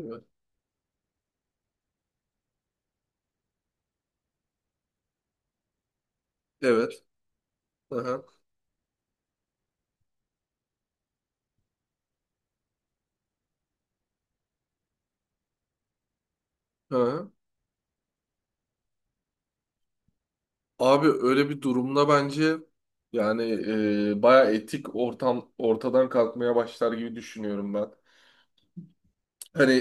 Evet. Evet. Aha. Aha. Abi öyle bir durumda bence yani baya etik ortam ortadan kalkmaya başlar gibi düşünüyorum ben. Hani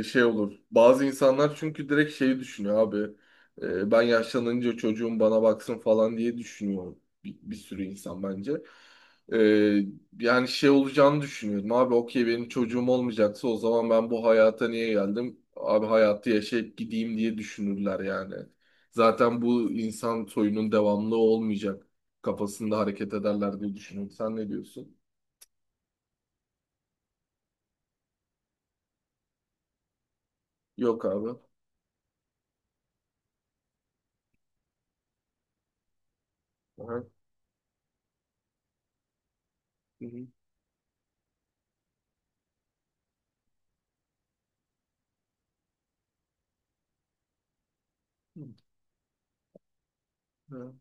şey olur. Bazı insanlar çünkü direkt şeyi düşünüyor abi. Ben yaşlanınca çocuğum bana baksın falan diye düşünüyor bir sürü insan bence. E, Yani şey olacağını düşünüyordum. Abi okey benim çocuğum olmayacaksa o zaman ben bu hayata niye geldim? Abi hayatı yaşayıp gideyim diye düşünürler yani. Zaten bu insan soyunun devamlı olmayacak kafasında hareket ederler diye düşünüyorum. Sen ne diyorsun? Yok abi. Aha. Hı hı. Hı.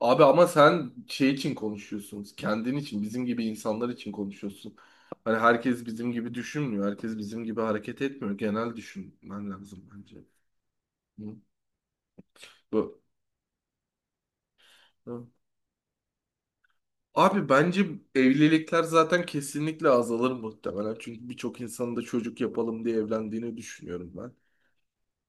Abi ama sen şey için konuşuyorsun. Kendin için, bizim gibi insanlar için konuşuyorsun. Hani herkes bizim gibi düşünmüyor. Herkes bizim gibi hareket etmiyor. Genel düşünmen lazım bence. Hı? Bu. Hı. Abi bence evlilikler zaten kesinlikle azalır muhtemelen. Çünkü birçok insanın da çocuk yapalım diye evlendiğini düşünüyorum ben.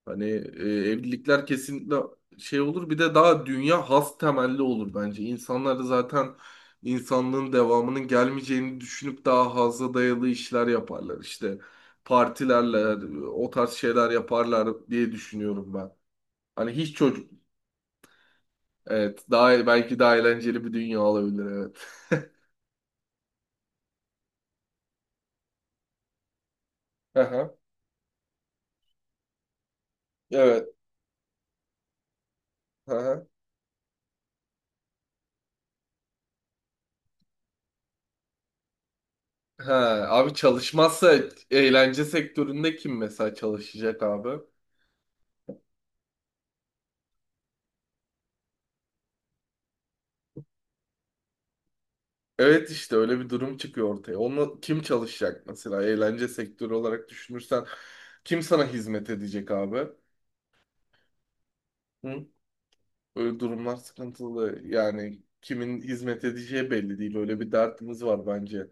Hani evlilikler kesinlikle şey olur. Bir de daha dünya has temelli olur bence. İnsanlar da zaten insanlığın devamının gelmeyeceğini düşünüp daha haza dayalı işler yaparlar. İşte partilerle o tarz şeyler yaparlar diye düşünüyorum ben. Hani hiç çocuk. Evet. Daha belki daha eğlenceli bir dünya olabilir. Evet. Aha, evet. Aha. Ha, abi çalışmazsa eğlence sektöründe kim mesela çalışacak abi? Evet işte öyle bir durum çıkıyor ortaya. Onu kim çalışacak mesela eğlence sektörü olarak düşünürsen kim sana hizmet edecek abi? Hı? Öyle durumlar sıkıntılı. Yani kimin hizmet edeceği belli değil. Öyle bir dertimiz var bence.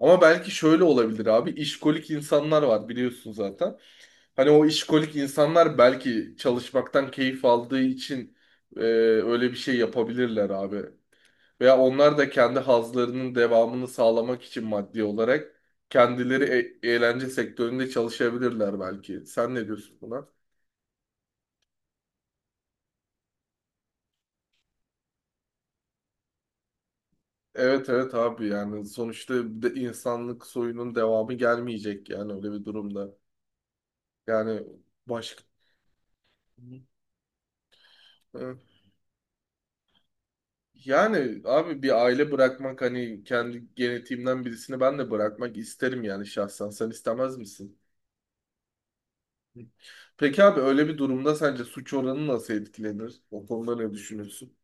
Ama belki şöyle olabilir abi. İşkolik insanlar var biliyorsun zaten. Hani o işkolik insanlar belki çalışmaktan keyif aldığı için öyle bir şey yapabilirler abi. Veya onlar da kendi hazlarının devamını sağlamak için maddi olarak kendileri eğlence sektöründe çalışabilirler belki. Sen ne diyorsun buna? Evet, abi yani sonuçta de insanlık soyunun devamı gelmeyecek yani öyle bir durumda. Yani başka. Hı. Yani abi bir aile bırakmak hani kendi genetiğimden birisini ben de bırakmak isterim yani şahsen. Sen istemez misin? Peki abi öyle bir durumda sence suç oranı nasıl etkilenir? O konuda ne düşünüyorsun?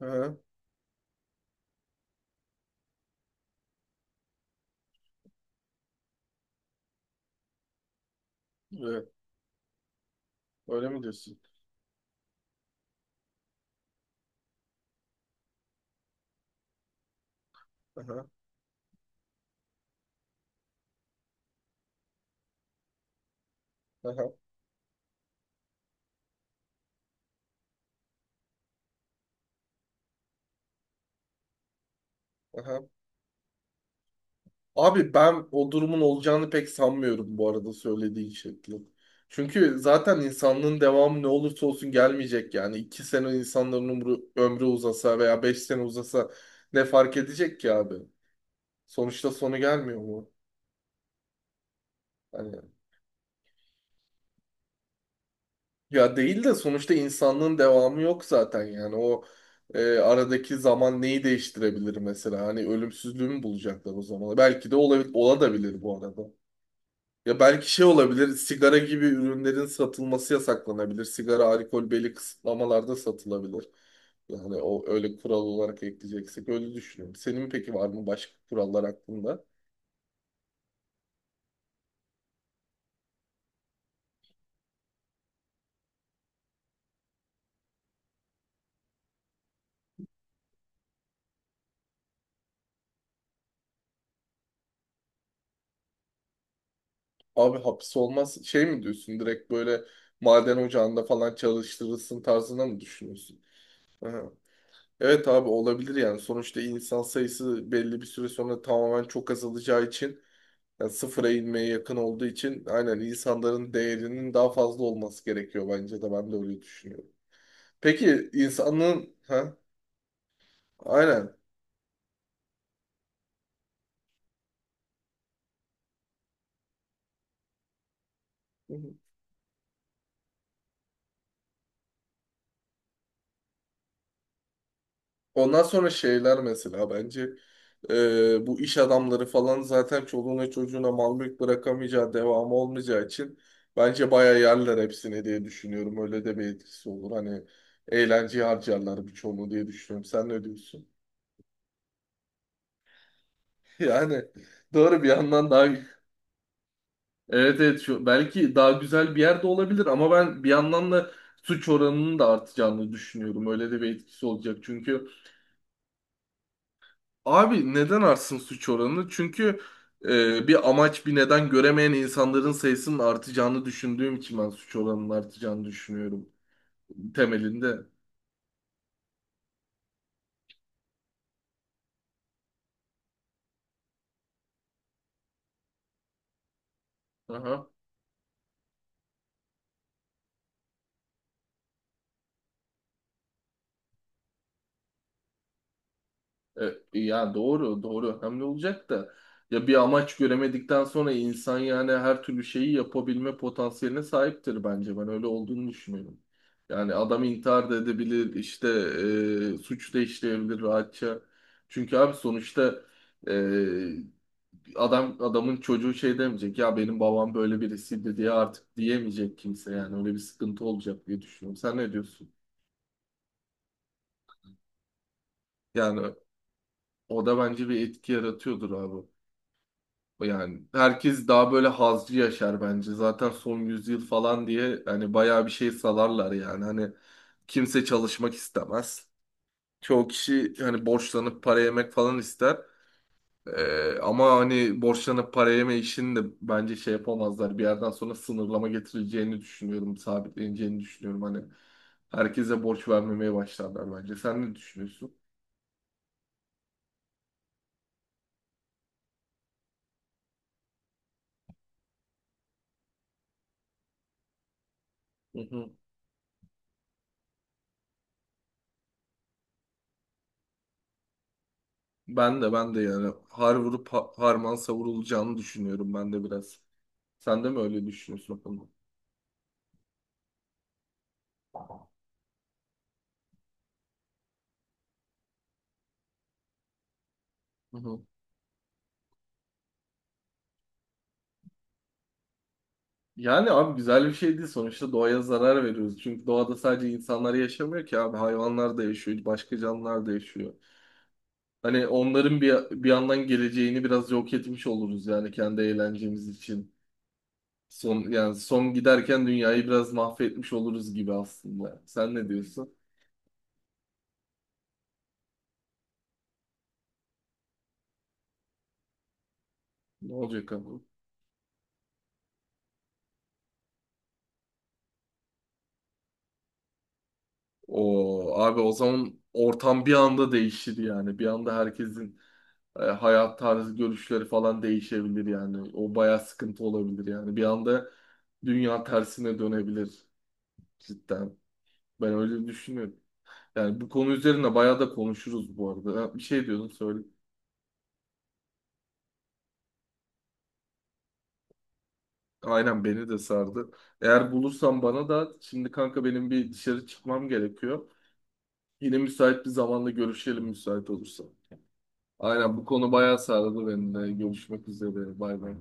Aha, evet. Öyle mi diyorsun? Aha, aha, aha. Abi ben o durumun olacağını pek sanmıyorum bu arada söylediğin şekli. Çünkü zaten insanlığın devamı ne olursa olsun gelmeyecek yani. İki sene insanların ömrü uzasa veya beş sene uzasa ne fark edecek ki abi? Sonuçta sonu gelmiyor mu? Hani, ya değil de sonuçta insanlığın devamı yok zaten yani. O aradaki zaman neyi değiştirebilir mesela? Hani ölümsüzlüğü mü bulacaklar o zaman? Belki de olabilir, ola da bilir bu arada. Ya belki şey olabilir, sigara gibi ürünlerin satılması yasaklanabilir. Sigara, alkol belli kısıtlamalarda satılabilir. Yani o öyle kural olarak ekleyeceksek öyle düşünüyorum. Senin peki var mı başka kurallar hakkında? Abi hapis olmaz şey mi diyorsun? Direkt böyle maden ocağında falan çalıştırılsın tarzına mı düşünüyorsun? Aha. Evet abi olabilir yani. Sonuçta insan sayısı belli bir süre sonra tamamen çok azalacağı için yani sıfıra inmeye yakın olduğu için aynen insanların değerinin daha fazla olması gerekiyor bence de ben de öyle düşünüyorum. Peki insanın ha aynen. Ondan sonra şeyler mesela bence bu iş adamları falan zaten çoluğuna çocuğuna mal mülk bırakamayacağı devamı olmayacağı için bence bayağı yerler hepsini diye düşünüyorum. Öyle de bir etkisi olur. Hani eğlenceye harcarlar birçoğunu diye düşünüyorum. Sen ne diyorsun? Yani doğru bir yandan daha. Evet, şu, belki daha güzel bir yerde olabilir ama ben bir yandan da suç oranının da artacağını düşünüyorum. Öyle de bir etkisi olacak. Çünkü abi neden artsın suç oranı? Çünkü bir amaç bir neden göremeyen insanların sayısının artacağını düşündüğüm için ben suç oranının artacağını düşünüyorum temelinde. Aha. Ya doğru, doğru önemli olacak da ya bir amaç göremedikten sonra insan yani her türlü şeyi yapabilme potansiyeline sahiptir bence. Ben öyle olduğunu düşünüyorum. Yani adam intihar da edebilir, işte suç da işleyebilir rahatça. Çünkü abi sonuçta e, adam adamın çocuğu şey demeyecek ya benim babam böyle birisiydi diye artık diyemeyecek kimse yani öyle bir sıkıntı olacak diye düşünüyorum. Sen ne diyorsun? Yani o da bence bir etki yaratıyordur abi. Yani herkes daha böyle hazcı yaşar bence. Zaten son yüzyıl falan diye hani bayağı bir şey salarlar yani. Hani kimse çalışmak istemez. Çoğu kişi hani borçlanıp para yemek falan ister. Ama hani borçlanıp para yeme işini de bence şey yapamazlar. Bir yerden sonra sınırlama getireceğini düşünüyorum. Sabitleneceğini düşünüyorum. Hani herkese borç vermemeye başlarlar bence. Sen ne düşünüyorsun? Hı hı. Ben de yani har vurup harman savurulacağını düşünüyorum ben de biraz. Sen de mi öyle düşünüyorsun o konuda? Hı hı. Yani abi güzel bir şey değil sonuçta doğaya zarar veriyoruz. Çünkü doğada sadece insanlar yaşamıyor ki abi hayvanlar da yaşıyor, başka canlılar da yaşıyor. Hani onların bir yandan geleceğini biraz yok etmiş oluruz yani kendi eğlencemiz için. Son yani son giderken dünyayı biraz mahvetmiş oluruz gibi aslında. Sen ne diyorsun? Ne olacak abi? O abi o zaman ortam bir anda değişir yani. Bir anda herkesin hayat tarzı görüşleri falan değişebilir yani. O bayağı sıkıntı olabilir yani. Bir anda dünya tersine dönebilir cidden. Ben öyle düşünüyorum. Yani bu konu üzerine bayağı da konuşuruz bu arada. Ha, bir şey diyordum söyle. Aynen beni de sardı. Eğer bulursan bana da şimdi kanka benim bir dışarı çıkmam gerekiyor. Yine müsait bir zamanda görüşelim müsait olursa. Aynen bu konu bayağı sardı beni de. Görüşmek üzere. Bay bay.